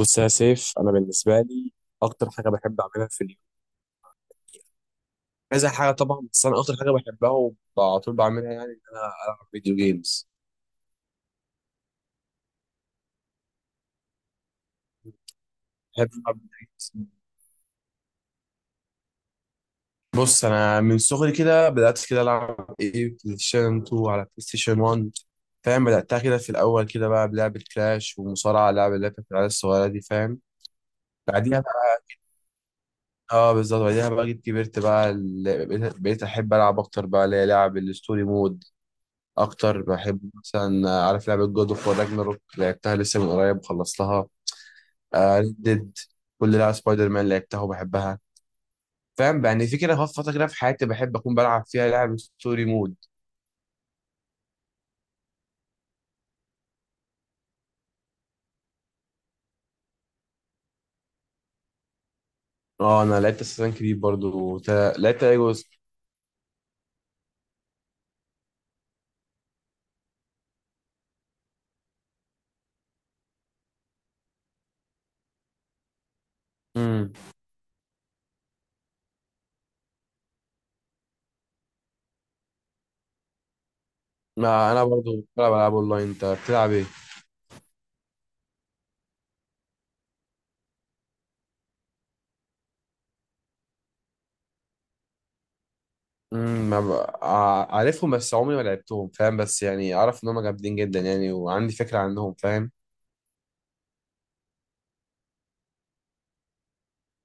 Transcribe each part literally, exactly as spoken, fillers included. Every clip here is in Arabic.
بص يا سيف، انا بالنسبه لي اكتر حاجه بحب اعملها في اليوم كذا حاجه طبعا. بس انا اكتر حاجه بحبها وعلى طول بعملها يعني ان انا العب فيديو جيمز. بحب العب فيديو جيمز. بص انا من صغري كده بدات كده العب ايه، بلاي ستيشن اتنين على بلاي ستيشن واحد. فاهم، بداتها كده في الاول كده بقى بلعبه كلاش ومصارعه، لعبه اللي هي بتاعت العيال الصغيره دي. فاهم. بعديها بقى، اه بالظبط، بعديها بقى جيت كبرت بقى ال- بقيت بقيت احب العب اكتر بقى اللي هي لعب الستوري مود. اكتر بحب مثلا آه، عارف لعبه جود اوف وور راجناروك، لعبتها لسه من قريب، خلصتها. ريد ديد، كل لعبه سبايدر مان لعبتها وبحبها. فاهم، يعني في كده خلاص فتره كده في حياتي بحب اكون بلعب فيها لعب ستوري مود. اه انا لعبت اساسن كريد برضو. تا- لعبت اي جزء؟ امم ما انا برضو بلعب العاب اونلاين انت بتلعب ايه امم ما ب... ع- عارفهم بس عمري ما لعبتهم، فاهم، بس يعني اعرف ان هم جامدين جدا يعني، وعندي فكره عنهم، فاهم.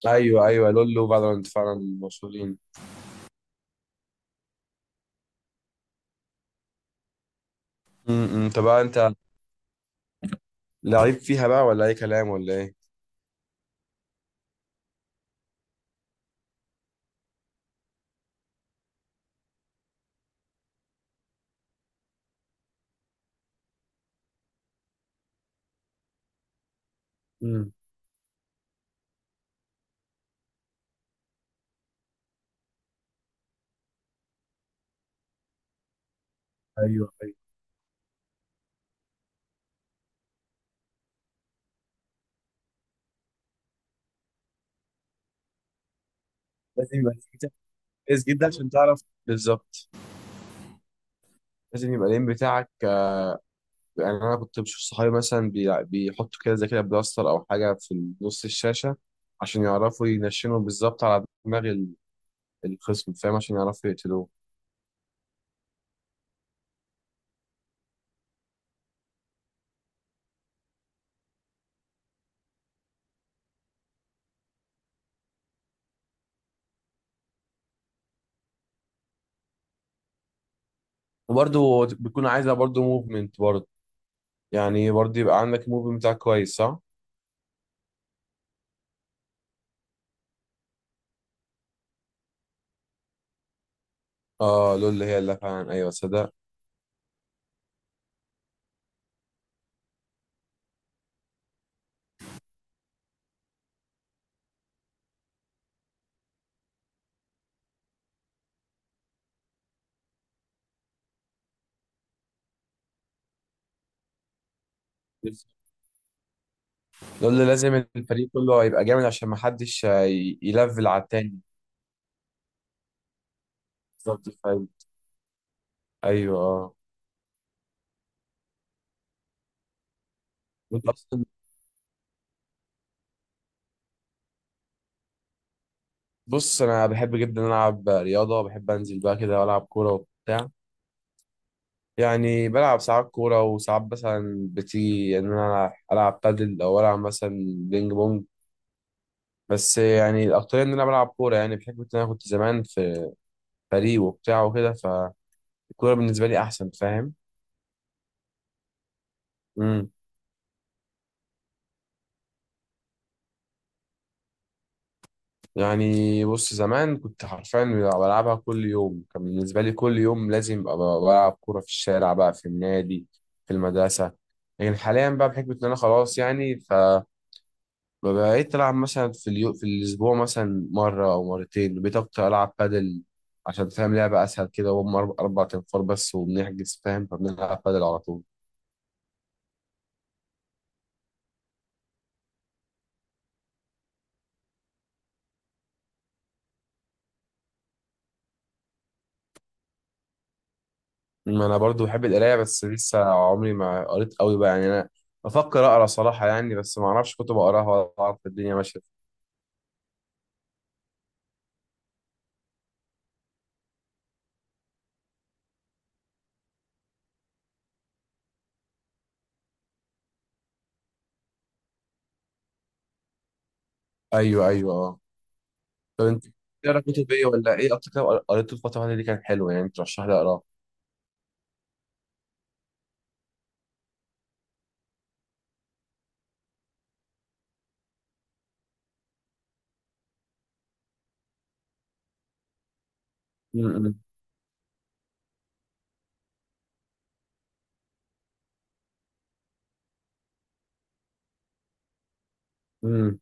ايوه ايوه، لولو وفالورانت فعلا مشهورين. امم طب بقى انت لعيب فيها بقى ولا اي كلام ولا ايه؟ امم، ايوه ايوه، لازم يبقى التيم بتاعك كويس جدا عشان تعرف بالظبط. لازم يبقى الام بتاعك آه، يعني انا كنت بشوف صحابي مثلا بي- بيحطوا كده زي كده بلاستر او حاجه في نص الشاشه، عشان يعرفوا ينشنوا بالظبط على دماغ ال- الخصم، فاهم، عشان يعرفوا يقتلوه. وبرده بيكون عايزه برده موفمنت برده، يعني برده يبقى عندك موفمنت بتاعك كويس، صح. اه، لول هي اللي فعلا، ايوه صدق. لول لازم الفريق كله يبقى جامد عشان ما حدش آه، ي- يلفل على التاني. بالظبط، فاهم، ايوه اه. وانت اصلا، بص انا بحب جدا العب رياضه، بحب انزل بقى كده والعب كوره وبتاع. يعني بلعب ساعات كوره وساعات مثلا بتيجي ان انا العب بادل او العب مثلا بينج بونج. بس يعني الاكتريه ان انا بلعب كوره، يعني بحكم ان انا كنت زمان في فريق وبتاع وكده، فالكوره بالنسبه لي احسن، فاهم. يعني بص، زمان كنت حرفيا بلعبها كل يوم، كان بالنسبة لي كل يوم لازم أبقى بلعب كورة في الشارع، بقى في النادي، في المدرسة. لكن حاليا بقى بحكم إن أنا خلاص يعني، فبقيت ألعب مثلا في اليو... في الأسبوع مثلا مرة أو مرتين، بقيت أكتر ألعب بادل عشان فاهم لعبة أسهل كده، وهم أربع أربع تنفار بس وبنحجز، فاهم، فبنلعب بادل على طول. ما أنا برضو بحب القراية، بس لسه عمري ما قريت قوي بقى يعني. أنا بفكر أقرأ صراحة يعني، بس ما أعرفش كتب أقراها ولا أعرف الدنيا ماشية. ايوه ايوه اه. طب انت بتقرا كتب ايه، ولا ايه اكتر كتاب قريته الفتره اللي دي كان حلو يعني ترشح لي اقراه؟ امم. امم،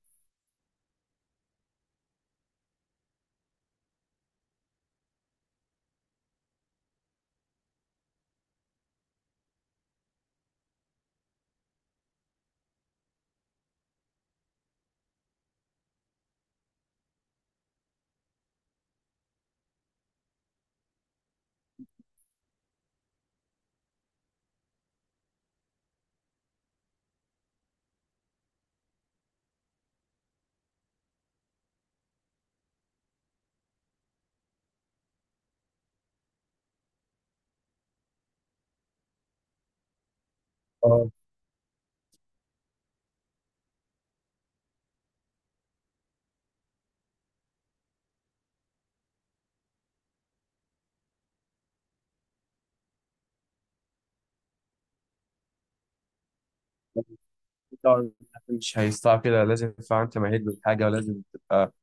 اه، طبعاً مش هيستوعب كده، لازم فعلا انت مهيد بالحاجه ولازم تبقى.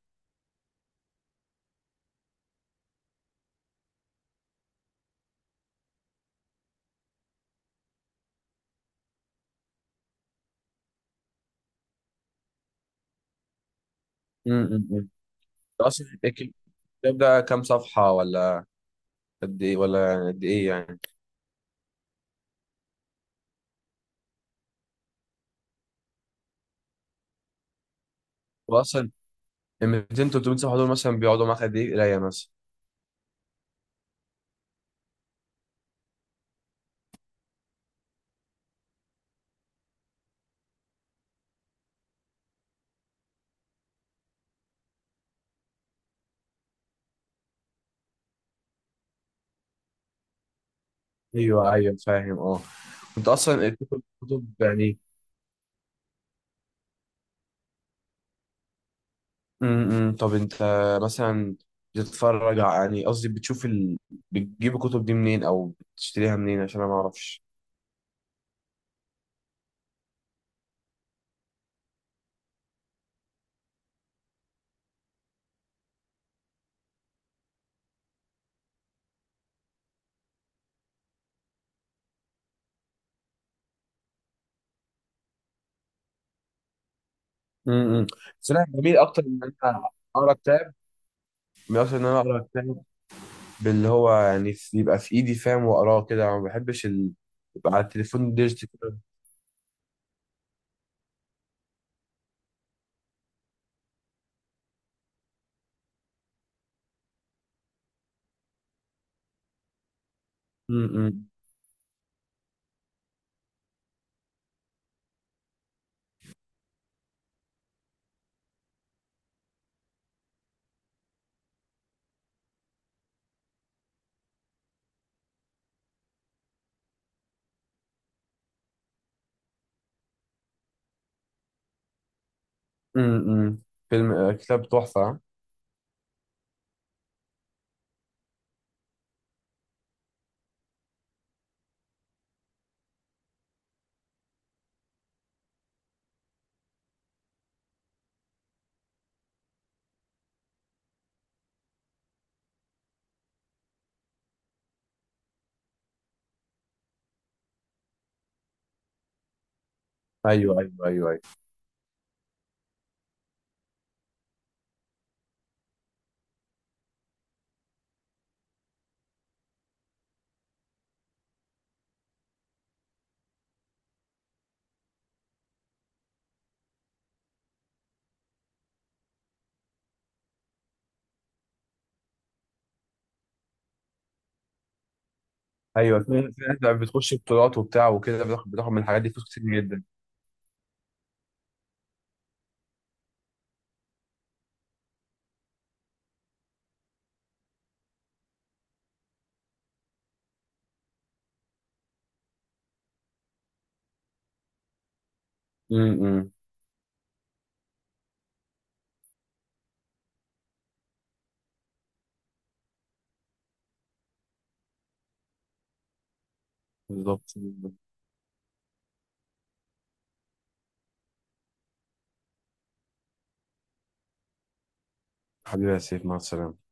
امم اصلا الكتاب ده كام صفحه، ولا قد ايه، ولا يعني قد ايه يعني؟ واصلا ال ميتين ثلاث مئة صفحه دول مثلا بيقعدوا معاك قد ايه قرايه مثلا؟ ايوه ايوه فاهم اه. انت اصلا الكتب كتب يعني، امم طب انت مثلا بتتفرج ع- يعني قصدي بتشوف ال... بتجيب الكتب دي منين او بتشتريها منين، عشان انا ما اعرفش؟ امم بس انا بميل اكتر ان انا اقرا كتاب بميل اكتر ان انا اقرا كتاب، باللي هو يعني في- يبقى في ايدي، فاهم، واقراه كده. ما بحبش ال... يبقى على التليفون ديجيتال. امم. امم فيلم، آه، كتاب تحفه، ها؟ ايوه ايوه ايوه ايوه. ايوه، في في ناس بتخش بطولات وبتاع وكده، بتاخد بتاخد من الحاجات دي فلوس كتير جدا. امم. بالظبط. حبيبي يا سيف، مع السلامة.